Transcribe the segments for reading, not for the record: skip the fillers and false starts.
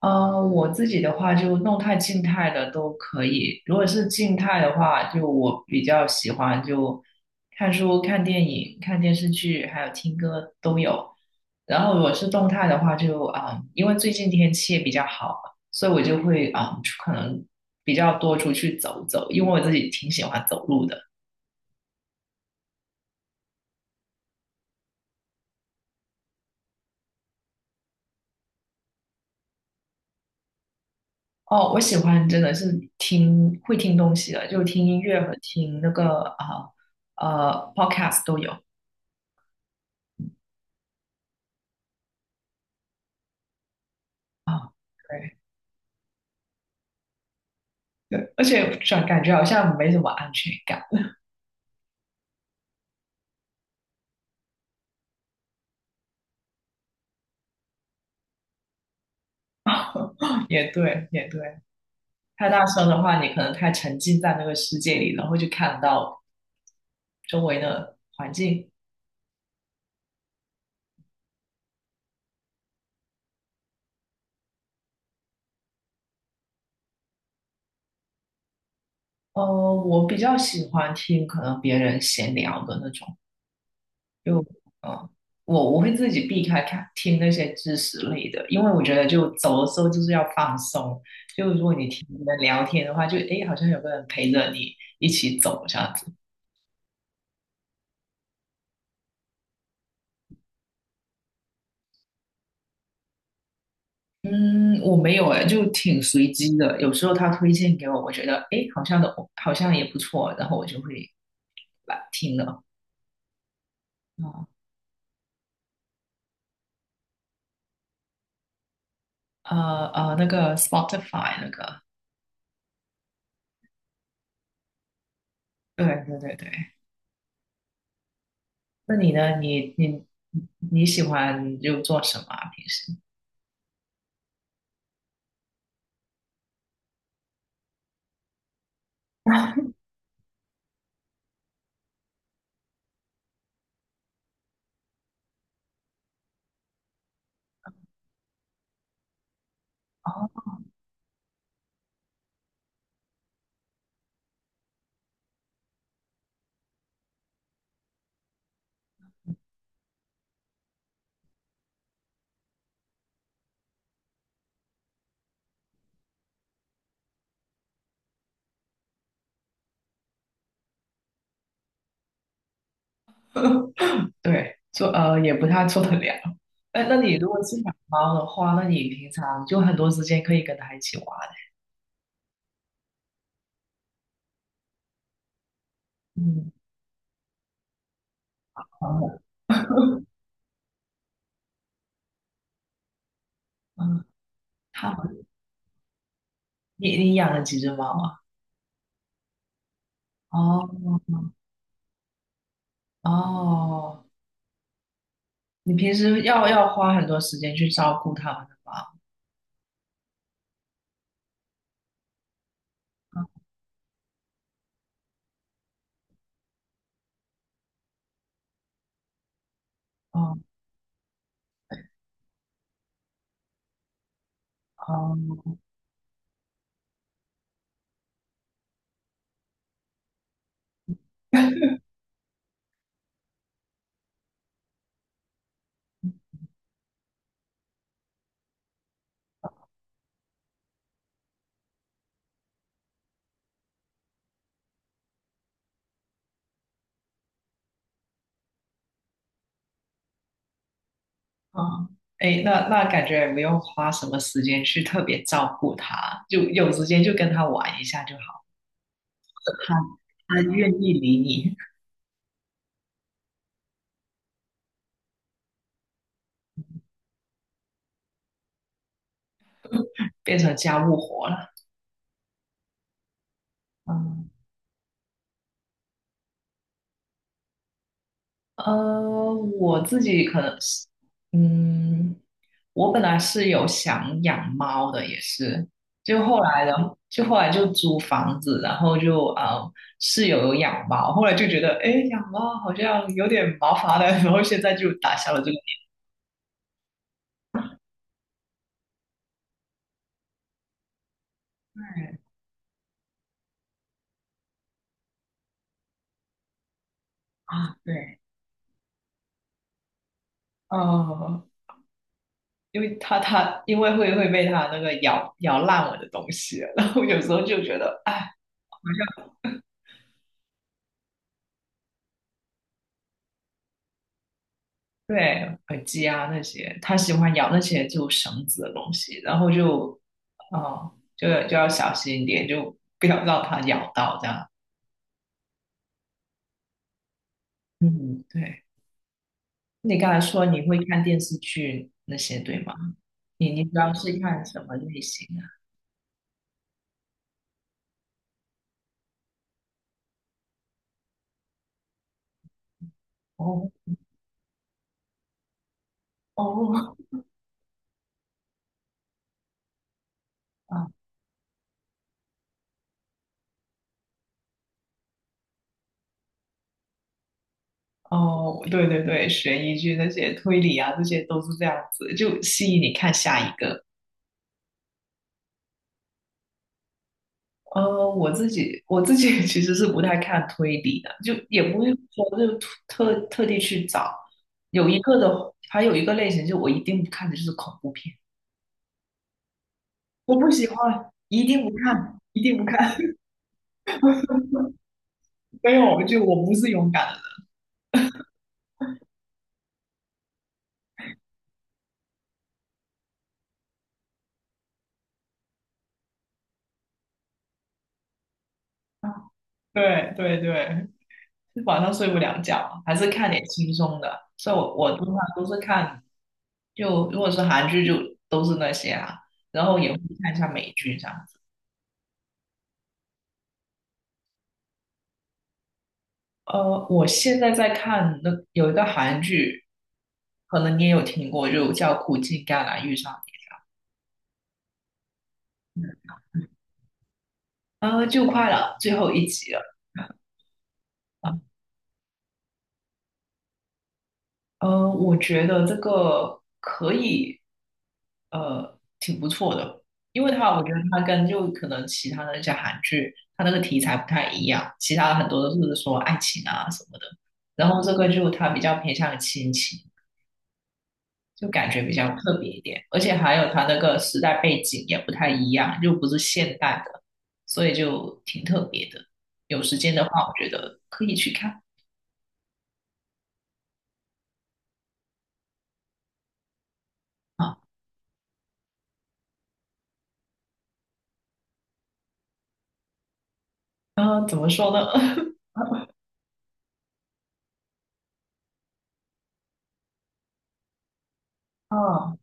嗯，我自己的话就动态、静态的都可以。如果是静态的话，就我比较喜欢就看书、看电影、看电视剧，还有听歌都有。然后如果是动态的话就，因为最近天气也比较好嘛，所以我就会可能比较多出去走走，因为我自己挺喜欢走路的。哦，我喜欢真的是听会听东西的，就听音乐和听那个podcast 都有啊。对。对，而且感觉好像没什么安全感。也对，也对，太大声的话，你可能太沉浸在那个世界里，然后就看不到周围的环境。呃，我比较喜欢听可能别人闲聊的那种，就呃，我会自己避开看听那些知识类的，因为我觉得就走的时候就是要放松。就如果你听人聊天的话，就诶，好像有个人陪着你一起走这样子。嗯，我没有哎，就挺随机的。有时候他推荐给我，我觉得诶，好像的，好像也不错，然后我就会把听了。啊那个 Spotify 那个，对对对对。那你呢？你你喜欢就做什么啊？平时 哦，对，做也不太做得了。哎，那你如果是养猫的话，那你平常就很多时间可以跟它一起玩。嗯，好的 嗯，它好，你你养了几只猫啊？哦哦，你平时要花很多时间去照顾他们的吧？哦哦哦，哎，那那感觉也没有花什么时间去特别照顾他，就有时间就跟他玩一下就好了。他他愿意理你，变成家务活了。嗯呃，我自己可能是，嗯，我本来是有想养猫的，也是，就后来的，就后来就租房子，然后就室友有养猫，后来就觉得，哎，养猫好像有点麻烦了，然后现在就打消了这个对啊，对，呃，因为它因为会被它那个咬烂我的东西，然后有时候就觉得，哎。对，耳机啊那些，他喜欢咬那些就绳子的东西，然后就，哦，就要小心一点，就不要让它咬到这样。嗯，对。你刚才说你会看电视剧那些，对吗？你你主要是看什么类型啊？哦哦 啊哦，对对对，悬疑剧那些推理啊，这些都是这样子，就吸引你看下一个。我自己 其实是不太看推理的，就也不会说就特地去找。有一个的，还有一个类型，就我一定不看的就是恐怖片，我不喜欢，一定不看，一定不看。没有，就我不是勇敢的人。对对对，晚上睡不了觉，还是看点轻松的。所以我通常都是看，就如果是韩剧就都是那些啊，然后也会看一下美剧这样。我现在在看那有一个韩剧，可能你也有听过，就叫《苦尽甘来遇上你》，就快了，最后一集了啊。我觉得这个可以，挺不错的，因为它我觉得它跟就可能其他的那些韩剧，它那个题材不太一样，其他的很多都是说爱情啊什么的，然后这个就它比较偏向于亲情。就感觉比较特别一点，而且还有它那个时代背景也不太一样，又不是现代的，所以就挺特别的。有时间的话，我觉得可以去看啊。怎么说呢？啊，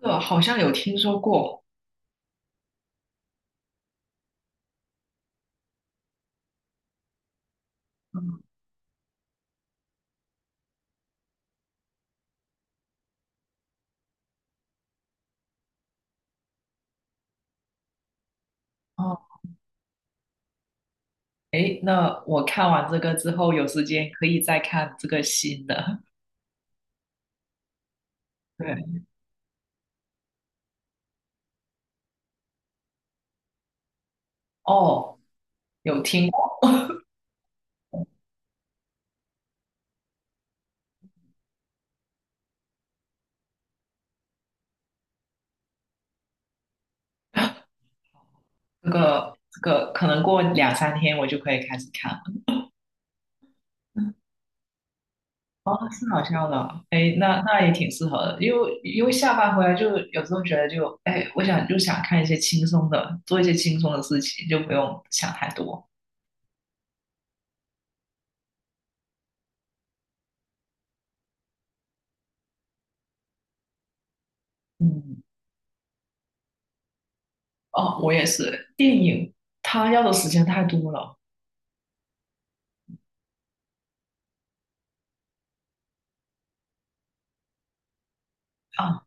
这个好像有听说过，嗯，哦，诶，那我看完这个之后，有时间可以再看这个新的。对，哦，有听过这个，这个可能过两三天我就可以开始看了。哦，是好笑的，哎，那那也挺适合的，因为因为下班回来就有时候觉得就，哎，我想就想看一些轻松的，做一些轻松的事情，就不用想太多。嗯，哦，我也是，电影它要的时间太多了啊，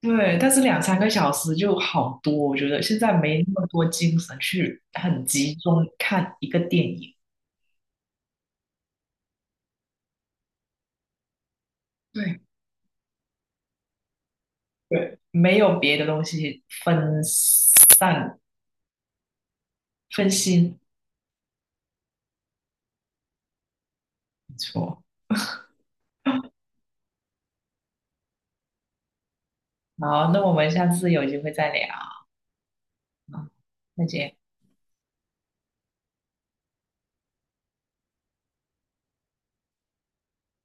对，但是两三个小时就好多，我觉得现在没那么多精神去很集中看一个电影。对对，没有别的东西分散分心，没错。好，那我们下次有机会再聊。好，再见。